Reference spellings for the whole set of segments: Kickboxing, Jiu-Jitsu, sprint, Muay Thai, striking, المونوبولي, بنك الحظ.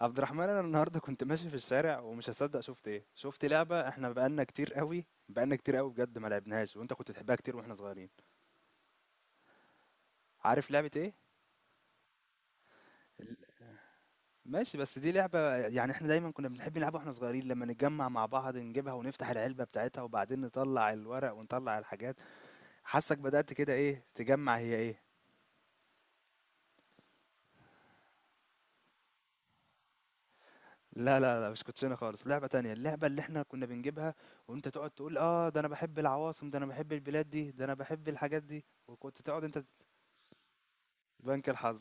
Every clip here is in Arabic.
عبد الرحمن، انا النهارده كنت ماشي في الشارع ومش هصدق شفت ايه. شفت لعبه احنا بقالنا كتير قوي بقالنا كتير قوي بجد ما لعبناهاش، وانت كنت تحبها كتير واحنا صغيرين. عارف لعبه ايه؟ ماشي، بس دي لعبه يعني احنا دايما كنا بنحب نلعبها واحنا صغيرين، لما نتجمع مع بعض نجيبها ونفتح العلبه بتاعتها وبعدين نطلع الورق ونطلع الحاجات. حاسك بدأت كده، ايه تجمع، هي ايه؟ لا، مش كوتشينه خالص، لعبه تانية، اللعبه اللي احنا كنا بنجيبها، وانت تقعد تقول اه ده انا بحب العواصم، ده انا بحب البلاد دي، ده انا بحب الحاجات دي، وكنت تقعد انت بنك الحظ.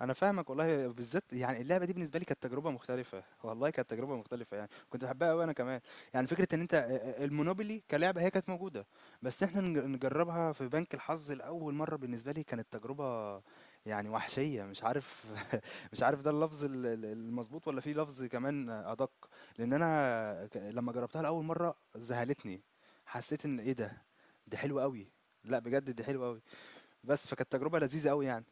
أنا فاهمك والله، بالذات يعني اللعبة دي بالنسبة لي كانت تجربة مختلفة، والله كانت تجربة مختلفة يعني، كنت باحبها أوي أنا كمان، يعني فكرة إن أنت المونوبولي كلعبة هي كانت موجودة، بس إحنا نجربها في بنك الحظ لأول مرة بالنسبة لي كانت تجربة يعني وحشية، مش عارف. مش عارف ده اللفظ ال المضبوط والّا في لفظ كمان أدق، لأن أنا لمّا جربتها لأول مرة ذهلتني، حسيت إن إيه ده! دي حلوة أوي، لأ بجد دي حلوة أوي، بس فكانت تجربة لذيذة أوي يعني.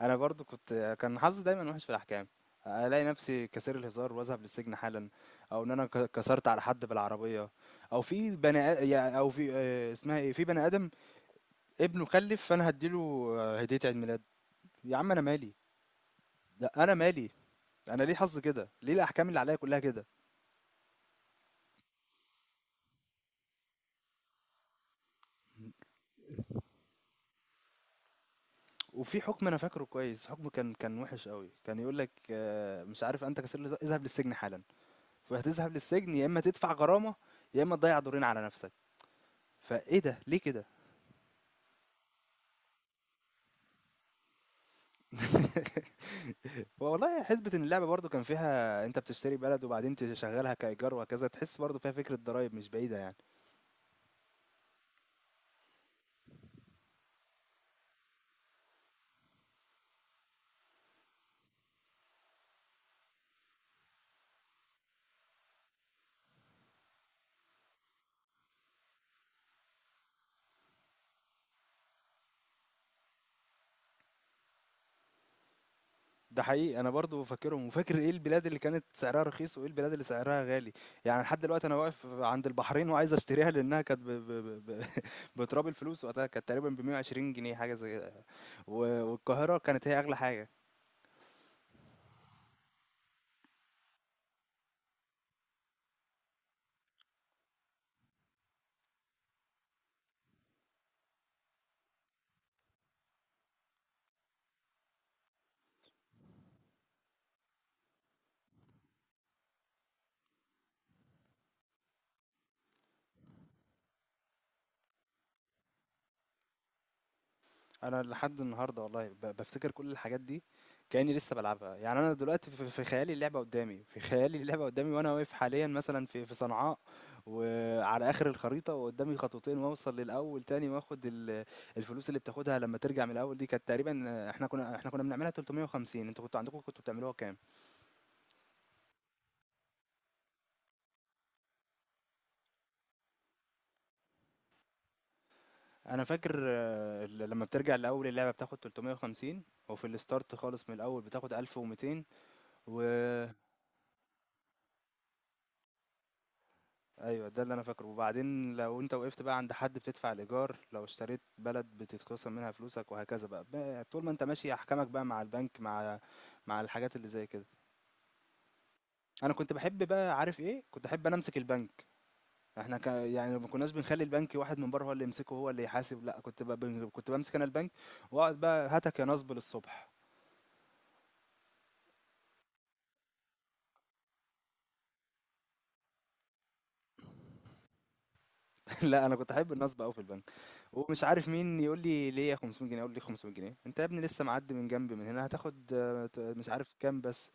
انا برضو كان حظي دايما وحش في الاحكام، الاقي نفسي كسر الهزار واذهب للسجن حالا، او ان انا كسرت على حد بالعربيه، او في بني آ- يا- او في آه، اسمها ايه، في بني ادم ابنه خلف فانا هديله هديه عيد ميلاد. يا عم انا مالي، لا انا مالي، انا ليه حظي كده، ليه الاحكام اللي عليا كلها كده؟ وفي حكم انا فاكره كويس، حكم كان وحش قوي، كان يقول لك مش عارف انت كسر الهزار اذهب للسجن حالا، فهتذهب للسجن يا اما تدفع غرامه يا اما تضيع دورين على نفسك. فايه ده، ليه كده؟ والله حسبة إن اللعبة برضه كان فيها أنت بتشتري بلد وبعدين تشغلها كإيجار وهكذا، تحس برضه فيها فكرة ضرايب مش بعيدة يعني. ده حقيقي، أنا برضه فاكرهم وفاكر إيه البلاد اللي كانت سعرها رخيص وإيه البلاد اللي سعرها غالي. يعني لحد دلوقتي أنا واقف عند البحرين وعايز أشتريها، لأنها كانت بتراب الفلوس وقتها، كانت تقريبا ب 120 جنيه حاجة زي كده. والقاهرة كانت هي أغلى حاجة. انا لحد النهارده والله بفتكر كل الحاجات دي، كاني لسه بلعبها. يعني انا دلوقتي في خيالي اللعبه قدامي، في خيالي اللعبه قدامي وانا واقف حاليا مثلا في صنعاء وعلى اخر الخريطه، وقدامي خطوتين واوصل للاول تاني واخد الفلوس. اللي بتاخدها لما ترجع من الاول دي كانت تقريبا، احنا كنا بنعملها 350، انتوا كنتوا عندكم كنتوا بتعملوها كام؟ انا فاكر لما بترجع الاول اللعبه بتاخد 350، وفي الستارت خالص من الاول بتاخد 1200، و أيوه، ده اللي أنا فاكره. وبعدين لو أنت وقفت بقى عند حد بتدفع الإيجار، لو اشتريت بلد بتتخصم منها فلوسك وهكذا بقى، طول ما أنت ماشي أحكامك بقى مع البنك، مع الحاجات اللي زي كده. أنا كنت بحب بقى، عارف إيه؟ كنت أحب أنا أمسك البنك. يعني ما كناش بنخلي البنك واحد من بره هو اللي يمسكه هو اللي يحاسب، لأ كنت بقى كنت بمسك أنا البنك وأقعد بقى هاتك يا نصب للصبح. لأ أنا كنت أحب النصب أوي في البنك، ومش عارف مين يقول لي ليه 500 جنيه، أقول ليه 500 جنيه؟ أنت يا ابني لسه معدي من جنبي من هنا هتاخد مش عارف كام بس.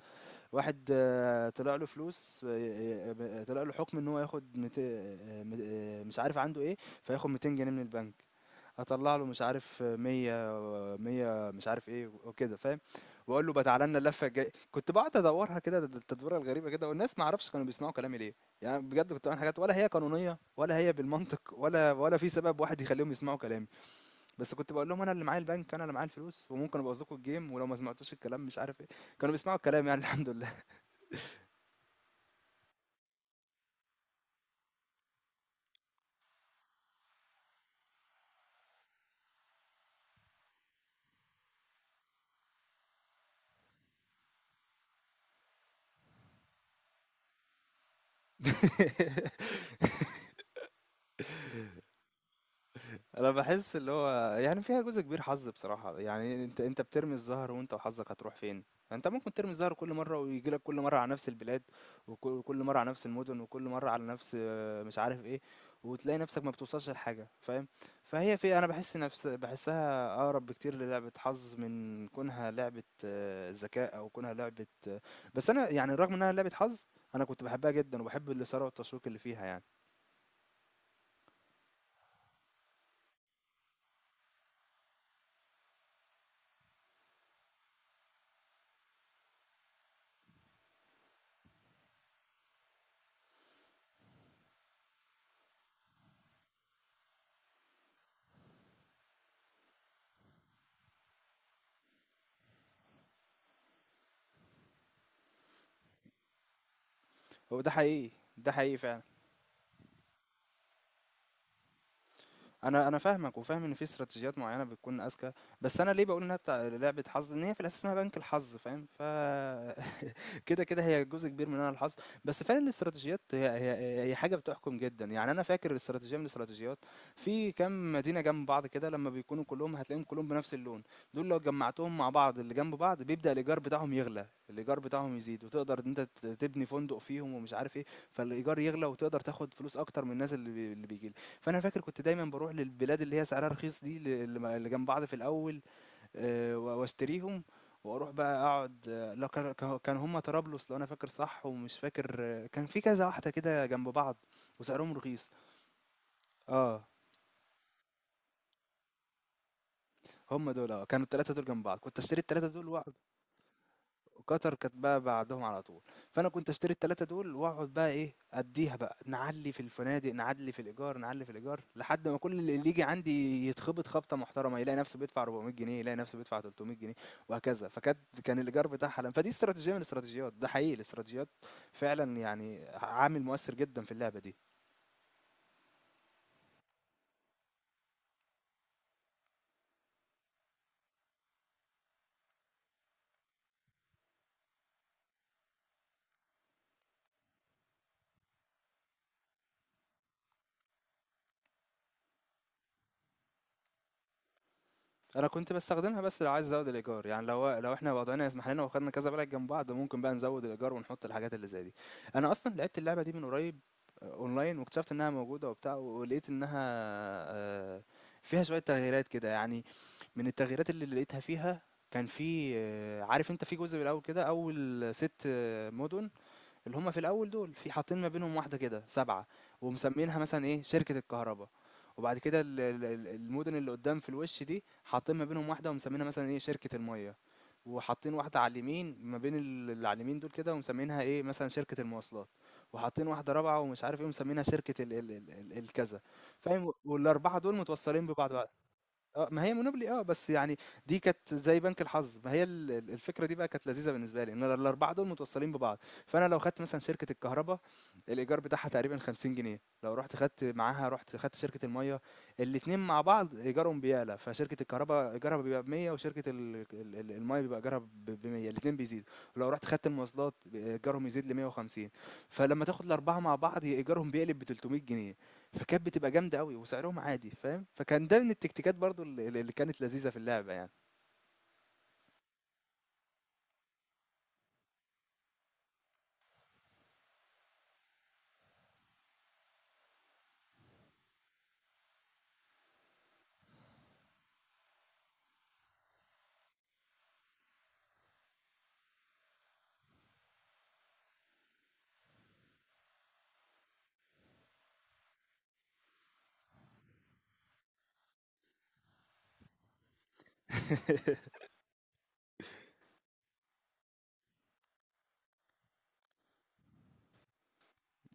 واحد طلع له فلوس، طلع له حكم ان هو ياخد مش عارف عنده ايه، فياخد 200 جنيه من البنك. هطلع له مش عارف 100 و 100 مش عارف ايه وكده، فاهم؟ واقول له بقى تعالى لنا اللفه الجايه. كنت بقعد ادورها كده، التدويره الغريبه كده، والناس ما اعرفش كانوا بيسمعوا كلامي ليه. يعني بجد كنت بعمل حاجات ولا هي قانونيه ولا هي بالمنطق، ولا في سبب واحد يخليهم يسمعوا كلامي، بس كنت بقول لهم انا اللي معايا البنك انا اللي معايا الفلوس، وممكن ابوظ لكم الجيم ولو ما سمعتوش الكلام مش عارف ايه. كانوا بيسمعوا الكلام يعني الحمد لله. انا بحس اللي هو يعني فيها جزء كبير حظ بصراحة، يعني انت بترمي الزهر وانت وحظك هتروح فين. انت ممكن ترمي الزهر كل مرة ويجي لك كل مرة على نفس البلاد، وك- وكل مرة على نفس المدن، وكل مرة على نفس مش عارف ايه، وتلاقي نفسك ما بتوصلش لحاجة، فاهم؟ فهي في انا بحس نفس بحسها اقرب بكتير للعبة حظ من كونها لعبة ذكاء، او كونها لعبة بس انا يعني رغم انها لعبة حظ، انا كنت بحبها جدا وبحب الاثارة والتشويق اللي فيها يعني. هو ده حقيقي. ده حقيقي فعلا. أنا فاهمك، وفاهم إن في استراتيجيات معيّنة بتكون أذكى، بس أنا ليه باقول إنها بتاع لعبة حظ، لإن هي في الأساس اسمها بنك الحظ، فاهم؟ كده، كده هي جزء كبير منها الحظ، بس فعلًا الاستراتيجيات هي حاجة بتحكم جدًا. يعني أنا فاكر استراتيجية من الاستراتيجيات، في كام مدينة جنب بعض كده لمّا بيكونوا كلّهم هتلاقيهم كلّهم بنفس اللون، دول لو جمّعتهم مع بعض اللي جنب بعض بيبدأ الإيجار بتاعهم يغلى، الإيجار بتاعهم يزيد، وتقدر إن أنت تبني فندق فيهم ومش عارف إيه، فالإيجار يغلى وتقدر تاخد فلوس أكتر من الناس اللي بييجي لها. فأنا فاكر كنت دايمًا باروح للبلاد اللي هي سعرها رخيص دي، ل اللي م اللي جنب بعض في الأول، واشتريهم واروح بقى اقعد، لا كان هما طرابلس لو انا فاكر صح، ومش فاكر كان في كذا واحده كده جنب بعض وسعرهم رخيص. اه، هما دول اه، كانوا الثلاثه دول جنب بعض كنت اشتري الثلاثه دول. قطر كانت بقى بعدهم على طول، فانا كنت اشتري التلاتة دول واقعد بقى ايه اديها بقى، نعلي في الفنادق نعلي في الايجار نعلي في الايجار لحد ما كل اللي يجي عندي يتخبط خبطه محترمه، يلاقي نفسه بيدفع 400 جنيه، يلاقي نفسه بيدفع 300 جنيه وهكذا. فكانت، كان الايجار بتاعها حلم. فدي استراتيجيه من الاستراتيجيات، ده حقيقي، الاستراتيجيات فعلا يعني عامل مؤثر جدا في اللعبه دي. أنا كنت باستخدمها بس لو عايز أزود الإيجار، يعني لو إحنا وضعنا يسمح لنا وخدنا كذا بلد جنب بعض ممكن بقى نزود الإيجار ونحط الحاجات اللي زي دي. أنا أصلًا لعبت اللعبة دي من قريب أونلاين، واكتشفت إنها موجودة وبتاع، ولقيت إنها آه، فيها شوية تغييرات كده يعني. من التغييرات اللي لقيتها فيها، كان في عارف أنت في جزء بالأول كده، أول ست مدن، اللي هم في الاول دول، في حاطين ما بينهم واحده كده سبعه، ومسمينها مثلا ايه شركه الكهرباء. وبعد كده المدن اللي قدام في الوش دي حاطين ما بينهم واحده ومسمينها مثلا ايه شركه الميه. وحاطين واحده على اليمين ما بين اللي على اليمين دول كده ومسمينها ايه مثلا شركه المواصلات. وحاطين واحده رابعه ومش عارف ايه ومسمينها شركه ال الكذا، فاهم؟ والاربعه دول متوصلين ببعض. ما هي مونوبولي بس يعني دي كانت زي بنك الحظ، ما هي ال الفكرة دي بقى كانت لذيذة بالنسبة لي، إن أنا ال4 دول متوصّلين ببعض، فأنا لو خدت مثلًا شركة الكهربا الإيجار بتاعها تقريبًا 50 جنيه، لو رُحت خدت معاها رُحت خدت شركة المَيّة، الاتنين مع بعض إيجارهم بيعلى، فشركة الكهربا إيجارها بيبقى ب100 وشركة ال المَيّة بيبقى إيجارها ب ب100، الاتنين بيزيدوا، ولو رُحت خدت المواصلات ب إيجارهم يزيد ل150، فلمّا تاخد ال4 مع بعض إيجارهم بيقلب ب300 جنيه. فكانت بتبقى جامدة أوي وسعرهم عادي، فاهم؟ فكان ده من التكتيكات برضو اللي كانت لذيذة في اللعبة يعني.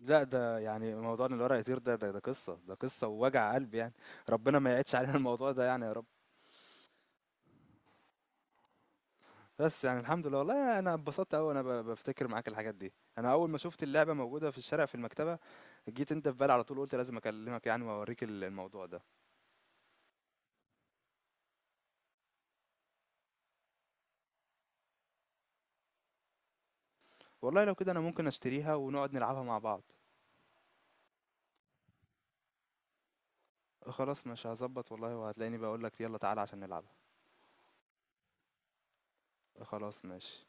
لا ده يعني موضوع ان الورق يطير ده ده قصة، ده قصة ووجع قلب يعني، ربنا ما يعيدش علينا الموضوع ده يعني يا رب. بس يعني الحمد لله والله انا اتبسطت قوي وانا بفتكر معاك الحاجات دي. انا اول ما شفت اللعبة موجودة في الشارع في المكتبة جيت انت في بالي على طول، قلت لازم اكلمك يعني واوريك الموضوع ده. والله لو كده انا ممكن اشتريها ونقعد نلعبها مع بعض. خلاص مش هظبط والله، وهتلاقيني بقولك يلا تعالى عشان نلعبها. خلاص ماشي.